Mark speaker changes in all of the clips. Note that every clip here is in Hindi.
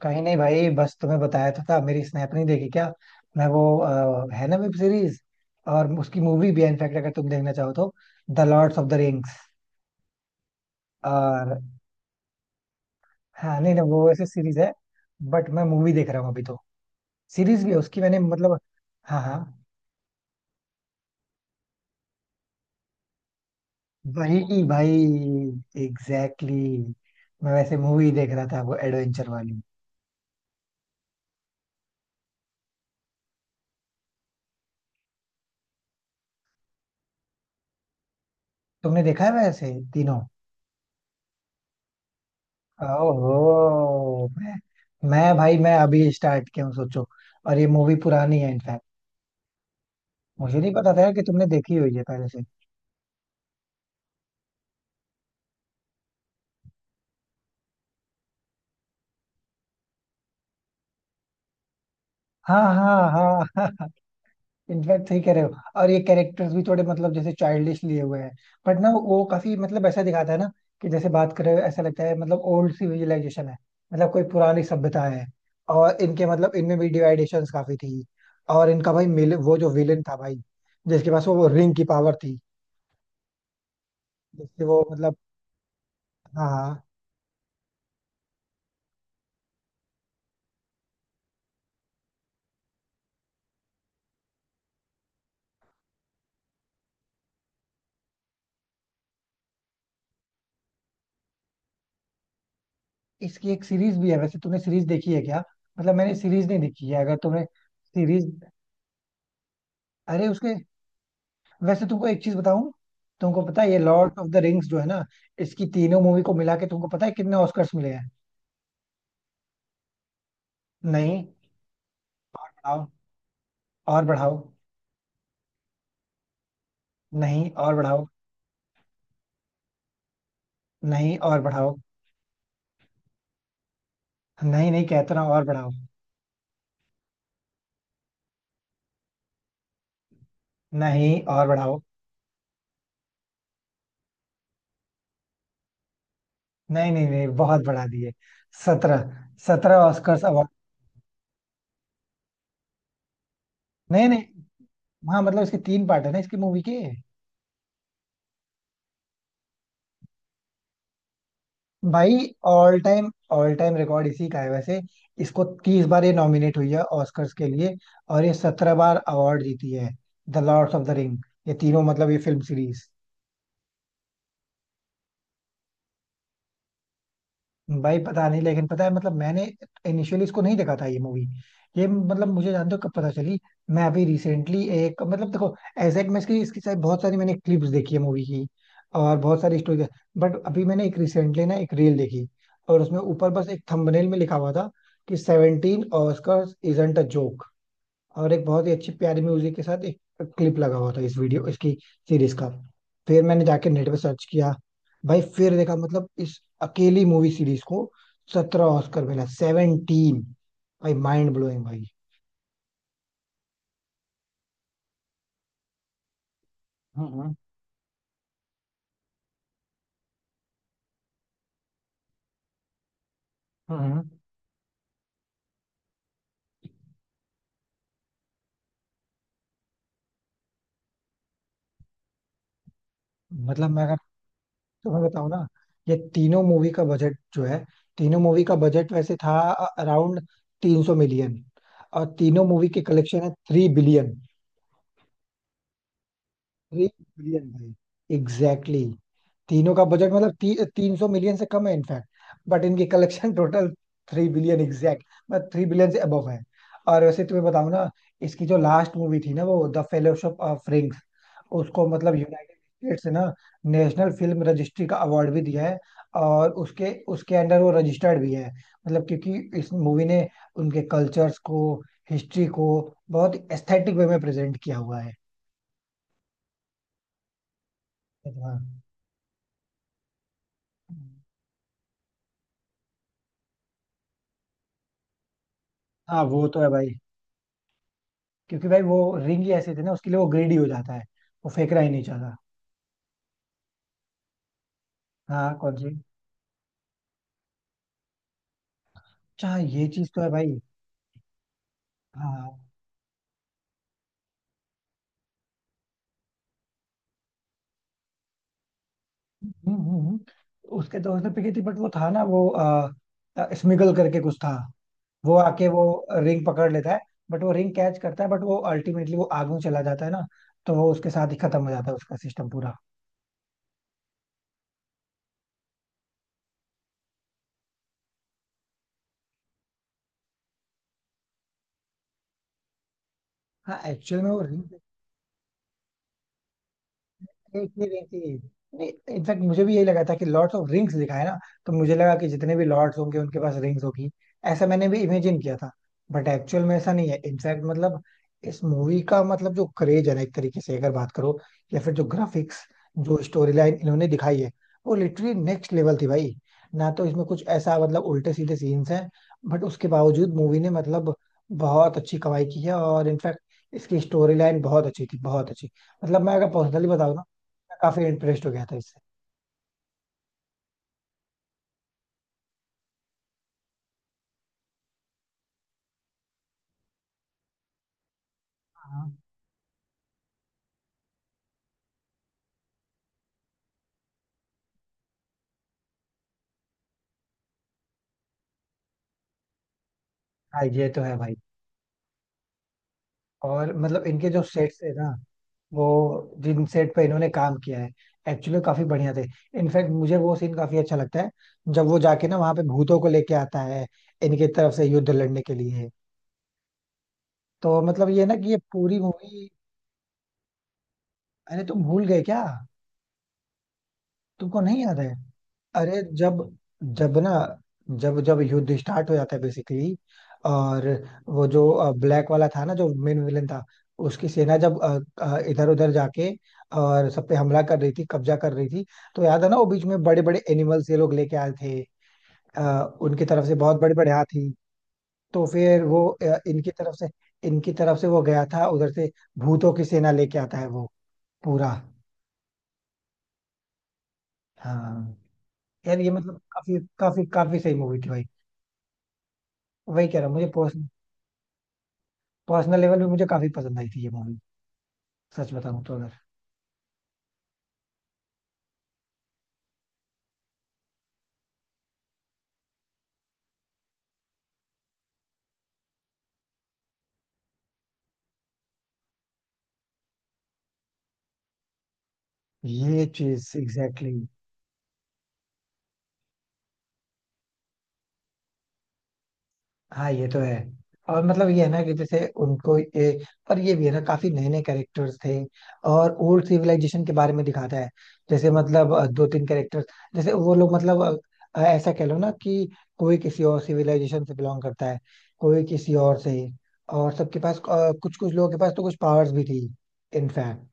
Speaker 1: कहीं नहीं भाई, बस तुम्हें बताया तो था, मेरी स्नैप नहीं देखी क्या। मैं वो है ना वेब सीरीज, और उसकी मूवी भी है इनफैक्ट, अगर तुम देखना चाहो तो। The lords of the rings. और हाँ, नहीं ना, वो ऐसे सीरीज है, बट मैं मूवी देख रहा हूँ अभी तो। सीरीज भी है उसकी, मैंने मतलब। हाँ हाँ, वही की भाई। Exactly exactly। मैं वैसे मूवी देख रहा था, वो एडवेंचर वाली। तुमने देखा है वैसे तीनों? ओहो, मैं भाई, मैं अभी स्टार्ट किया हूँ, सोचो। और ये मूवी पुरानी है इनफैक्ट। मुझे नहीं पता था यार कि तुमने देखी हुई है पहले से। हाँ हाँ हाँ हाँ। इनफैक्ट सही कह रहे हो, और ये कैरेक्टर्स भी थोड़े मतलब जैसे चाइल्डिश लिए हुए हैं, बट ना वो काफी मतलब ऐसा दिखाता है ना, कि जैसे बात कर रहे हो ऐसा लगता है, मतलब ओल्ड सिविलाइजेशन है, मतलब कोई पुरानी सभ्यता है। और इनके मतलब इनमें भी डिवाइडेशंस काफी थी। और इनका भाई मिल, वो जो विलेन था भाई, जिसके पास वो रिंग की पावर थी, जिससे वो मतलब। हाँ हाँ। इसकी एक सीरीज भी है वैसे, तुमने सीरीज देखी है क्या? मतलब मैंने सीरीज नहीं देखी है, अगर तुमने सीरीज। अरे उसके, वैसे तुमको एक चीज बताऊं, तुमको पता है ये लॉर्ड ऑफ द रिंग्स जो है ना, इसकी तीनों मूवी को मिला के तुमको पता है कितने ऑस्कर्स मिले हैं? नहीं, आओ। और बढ़ाओ। नहीं, और बढ़ाओ। नहीं, और बढ़ाओ। नहीं, नहीं कहता ना, और बढ़ाओ। नहीं, और बढ़ाओ। नहीं नहीं नहीं, बहुत बढ़ा दिए। 17। 17 ऑस्कर्स अवार्ड। नहीं नहीं। हाँ मतलब इसके तीन पार्ट है ना इसकी मूवी के। भाई all time, all time record इसी का है वैसे। इसको 30 बार ये नॉमिनेट हुई है ऑस्कर्स के लिए, और ये 17 बार अवार्ड जीती है। The lords of the ring, ये तीनों मतलब ये फिल्म सीरीज। भाई पता नहीं, लेकिन पता है, मतलब मैंने इनिशियली इसको नहीं देखा था, ये मूवी। ये मतलब मुझे जानते हो कब पता चली? मैं अभी रिसेंटली एक मतलब देखो, एग्जैक्ट, मैं इसकी इसकी शायद बहुत सारी मैंने क्लिप्स देखी है मूवी की, और बहुत सारी स्टोरी। बट अभी मैंने एक रिसेंटली ना एक रील देखी, और उसमें ऊपर बस एक थंबनेल में लिखा हुआ था कि 17 ऑस्कर्स इजंट अ जोक। और एक बहुत ही अच्छी प्यारी म्यूजिक के साथ एक क्लिप लगा हुआ था, इस वीडियो इसकी सीरीज का। फिर मैंने जाके नेट पे सर्च किया। भाई फिर देखा मतलब इस अकेली मूवी सीरीज को, 17 ऑस्कर मिला 17। भाई माइंड ब्लोइंग भाई। हम्म हम्म हम्म। मतलब मैं अगर तुम्हें बताऊं ना, ये तीनों मूवी का बजट जो है, तीनों मूवी का बजट वैसे था अराउंड 300 मिलियन, और तीनों मूवी के कलेक्शन है 3 बिलियन। थ्री बिलियन भाई। एग्जैक्टली, तीनों का बजट मतलब 300 मिलियन से कम है इनफैक्ट, बट इनकी कलेक्शन टोटल 3 बिलियन एग्जैक्ट, मतलब 3 बिलियन से अबव है। और वैसे तुम्हें बताऊं ना, इसकी जो लास्ट मूवी थी ना वो द फेलोशिप ऑफ रिंग्स, उसको मतलब यूनाइटेड स्टेट्स से ना नेशनल फिल्म रजिस्ट्री का अवार्ड भी दिया है, और उसके उसके अंडर वो रजिस्टर्ड भी है, मतलब क्योंकि इस मूवी ने उनके कल्चर्स को, हिस्ट्री को बहुत एस्थेटिक वे में प्रेजेंट किया हुआ है। हाँ, हाँ वो तो है भाई। क्योंकि भाई वो रिंग ही ऐसे थे ना, उसके लिए वो ग्रेडी हो जाता है, वो फेंक ही नहीं चाहता। हाँ कौन सी? अच्छा हाँ, ये चीज तो है भाई। हाँ। हम्म, हम्म, हम्म। उसके दोस्त ने पीटी थी, बट वो था ना वो स्मिगल करके कुछ था, वो आके वो रिंग पकड़ लेता है, बट वो रिंग कैच करता है, बट वो अल्टीमेटली वो आग में चला जाता है ना, तो वो उसके साथ ही खत्म हो जाता है, उसका सिस्टम पूरा। हाँ एक्चुअल में वो रिंग एक ही रिंग थी। नहीं, इनफैक्ट मुझे भी यही लगा था कि लॉर्ड्स ऑफ रिंग्स लिखा है ना, तो मुझे लगा कि जितने भी लॉर्ड्स होंगे उनके पास रिंग्स होगी, ऐसा मैंने भी इमेजिन किया था। बट एक्चुअल में ऐसा नहीं है। इनफैक्ट मतलब इस मूवी का मतलब जो क्रेज है ना, एक तरीके से अगर बात करो, या फिर जो ग्राफिक्स, जो स्टोरी लाइन इन्होंने दिखाई है, वो लिटरली नेक्स्ट लेवल थी भाई। ना तो इसमें कुछ ऐसा मतलब उल्टे सीधे सीन्स हैं, बट उसके बावजूद मूवी ने मतलब बहुत अच्छी कमाई की है, और इनफैक्ट इसकी स्टोरी लाइन बहुत अच्छी थी, बहुत अच्छी। मतलब मैं अगर पर्सनली बताऊं ना, काफी इम्प्रेस्ड हो गया था इससे। हाँ हाँ, ये तो है भाई। और मतलब इनके जो सेट्स है ना, वो जिन सेट पे इन्होंने काम किया है, एक्चुअली काफी बढ़िया थे। इनफैक्ट मुझे वो सीन काफी अच्छा लगता है, जब वो जाके ना वहां पे भूतों को लेके आता है, इनके तरफ से युद्ध लड़ने के लिए। तो मतलब ये ना कि ये पूरी मूवी। अरे तुम भूल गए क्या? तुमको नहीं याद है? अरे जब, जब ना, जब जब युद्ध स्टार्ट हो जाता है बेसिकली, और वो जो ब्लैक वाला था ना, जो मेन विलेन था, उसकी सेना जब इधर उधर जाके, और सब पे हमला कर रही थी, कब्जा कर रही थी, तो याद है ना वो बीच में बड़े बड़े एनिमल्स ये लोग लेके आए थे, उनकी तरफ से बहुत बड़े बड़े हाथी। तो फिर वो इनकी तरफ से, इनकी तरफ से वो गया था उधर से, भूतों की सेना लेके आता है वो पूरा। हाँ। यार ये मतलब काफी काफी काफी सही मूवी थी भाई। वही कह रहा हूँ, मुझे पर्सनल लेवल पे मुझे काफी पसंद आई थी ये मूवी, सच बताऊं तो। अगर ये चीज एग्जैक्टली exactly, हाँ ये तो है। और मतलब ये है ना कि जैसे उनको ये, और ये भी है ना, काफी नए नए कैरेक्टर्स थे, और ओल्ड सिविलाइजेशन के बारे में दिखाता है। जैसे मतलब दो तीन कैरेक्टर्स, जैसे वो लोग मतलब ऐसा कह लो ना कि कोई किसी और सिविलाइजेशन से बिलोंग करता है, कोई किसी और से, और सबके पास कुछ, कुछ लोगों के पास तो कुछ पावर्स भी थी इनफैक्ट,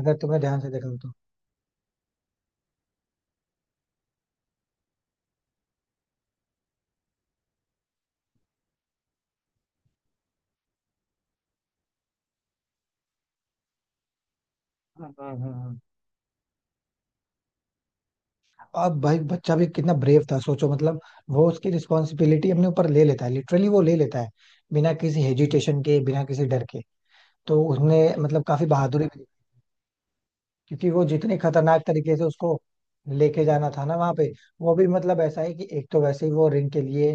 Speaker 1: अगर तुमने ध्यान से देखा हो तो। हाँ हाँ हाँ। अब भाई बच्चा भी कितना ब्रेव था, सोचो मतलब, वो उसकी रिस्पॉन्सिबिलिटी अपने ऊपर ले लेता है, लिटरली वो ले लेता है, बिना किसी हेजिटेशन के, बिना किसी डर के। तो उसने मतलब काफी बहादुरी भी, क्योंकि वो जितने खतरनाक तरीके से उसको लेके जाना था ना वहां पे, वो भी मतलब ऐसा है कि एक तो वैसे ही वो रिंग के लिए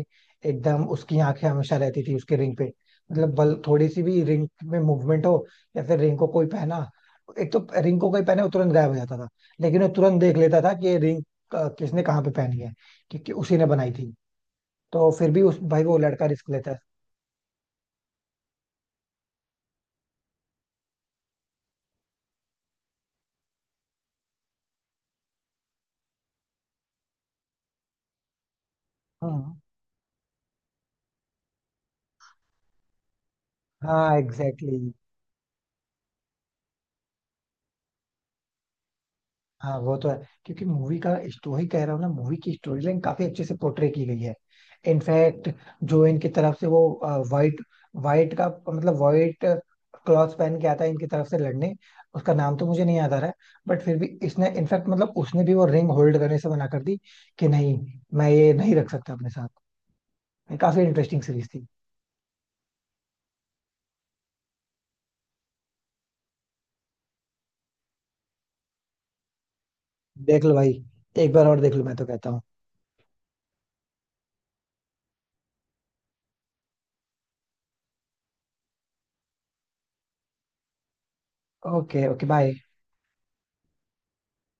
Speaker 1: एकदम उसकी आंखें हमेशा रहती थी उसके रिंग पे, मतलब बल थोड़ी सी भी रिंग में मूवमेंट हो, या फिर रिंग को कोई पहना, एक तो रिंग को कोई पहने वो तुरंत गायब हो जाता था, लेकिन वो तुरंत देख लेता था कि ये रिंग किसने कहाँ पे पहनी है, क्योंकि उसी ने बनाई थी। तो फिर भी उस भाई वो लड़का रिस्क लेता है। हाँ। हाँ एग्जैक्टली। हाँ वो तो है। क्योंकि मूवी का स्टोरी कह रहा हूँ ना, मूवी की स्टोरी लाइन काफी अच्छे से पोर्ट्रे की गई है इनफैक्ट। जो इनकी तरफ से वो वाइट, वाइट का मतलब वाइट क्लॉथ पहन के आता है इनकी तरफ से लड़ने, उसका नाम तो मुझे नहीं याद आ रहा है, बट फिर भी इसने इनफैक्ट मतलब उसने भी वो रिंग होल्ड करने से मना कर दी, कि नहीं मैं ये नहीं रख सकता अपने साथ। ये काफी इंटरेस्टिंग सीरीज थी। देख लो भाई, एक बार और देख लो मैं तो कहता हूँ। Okay okay bye.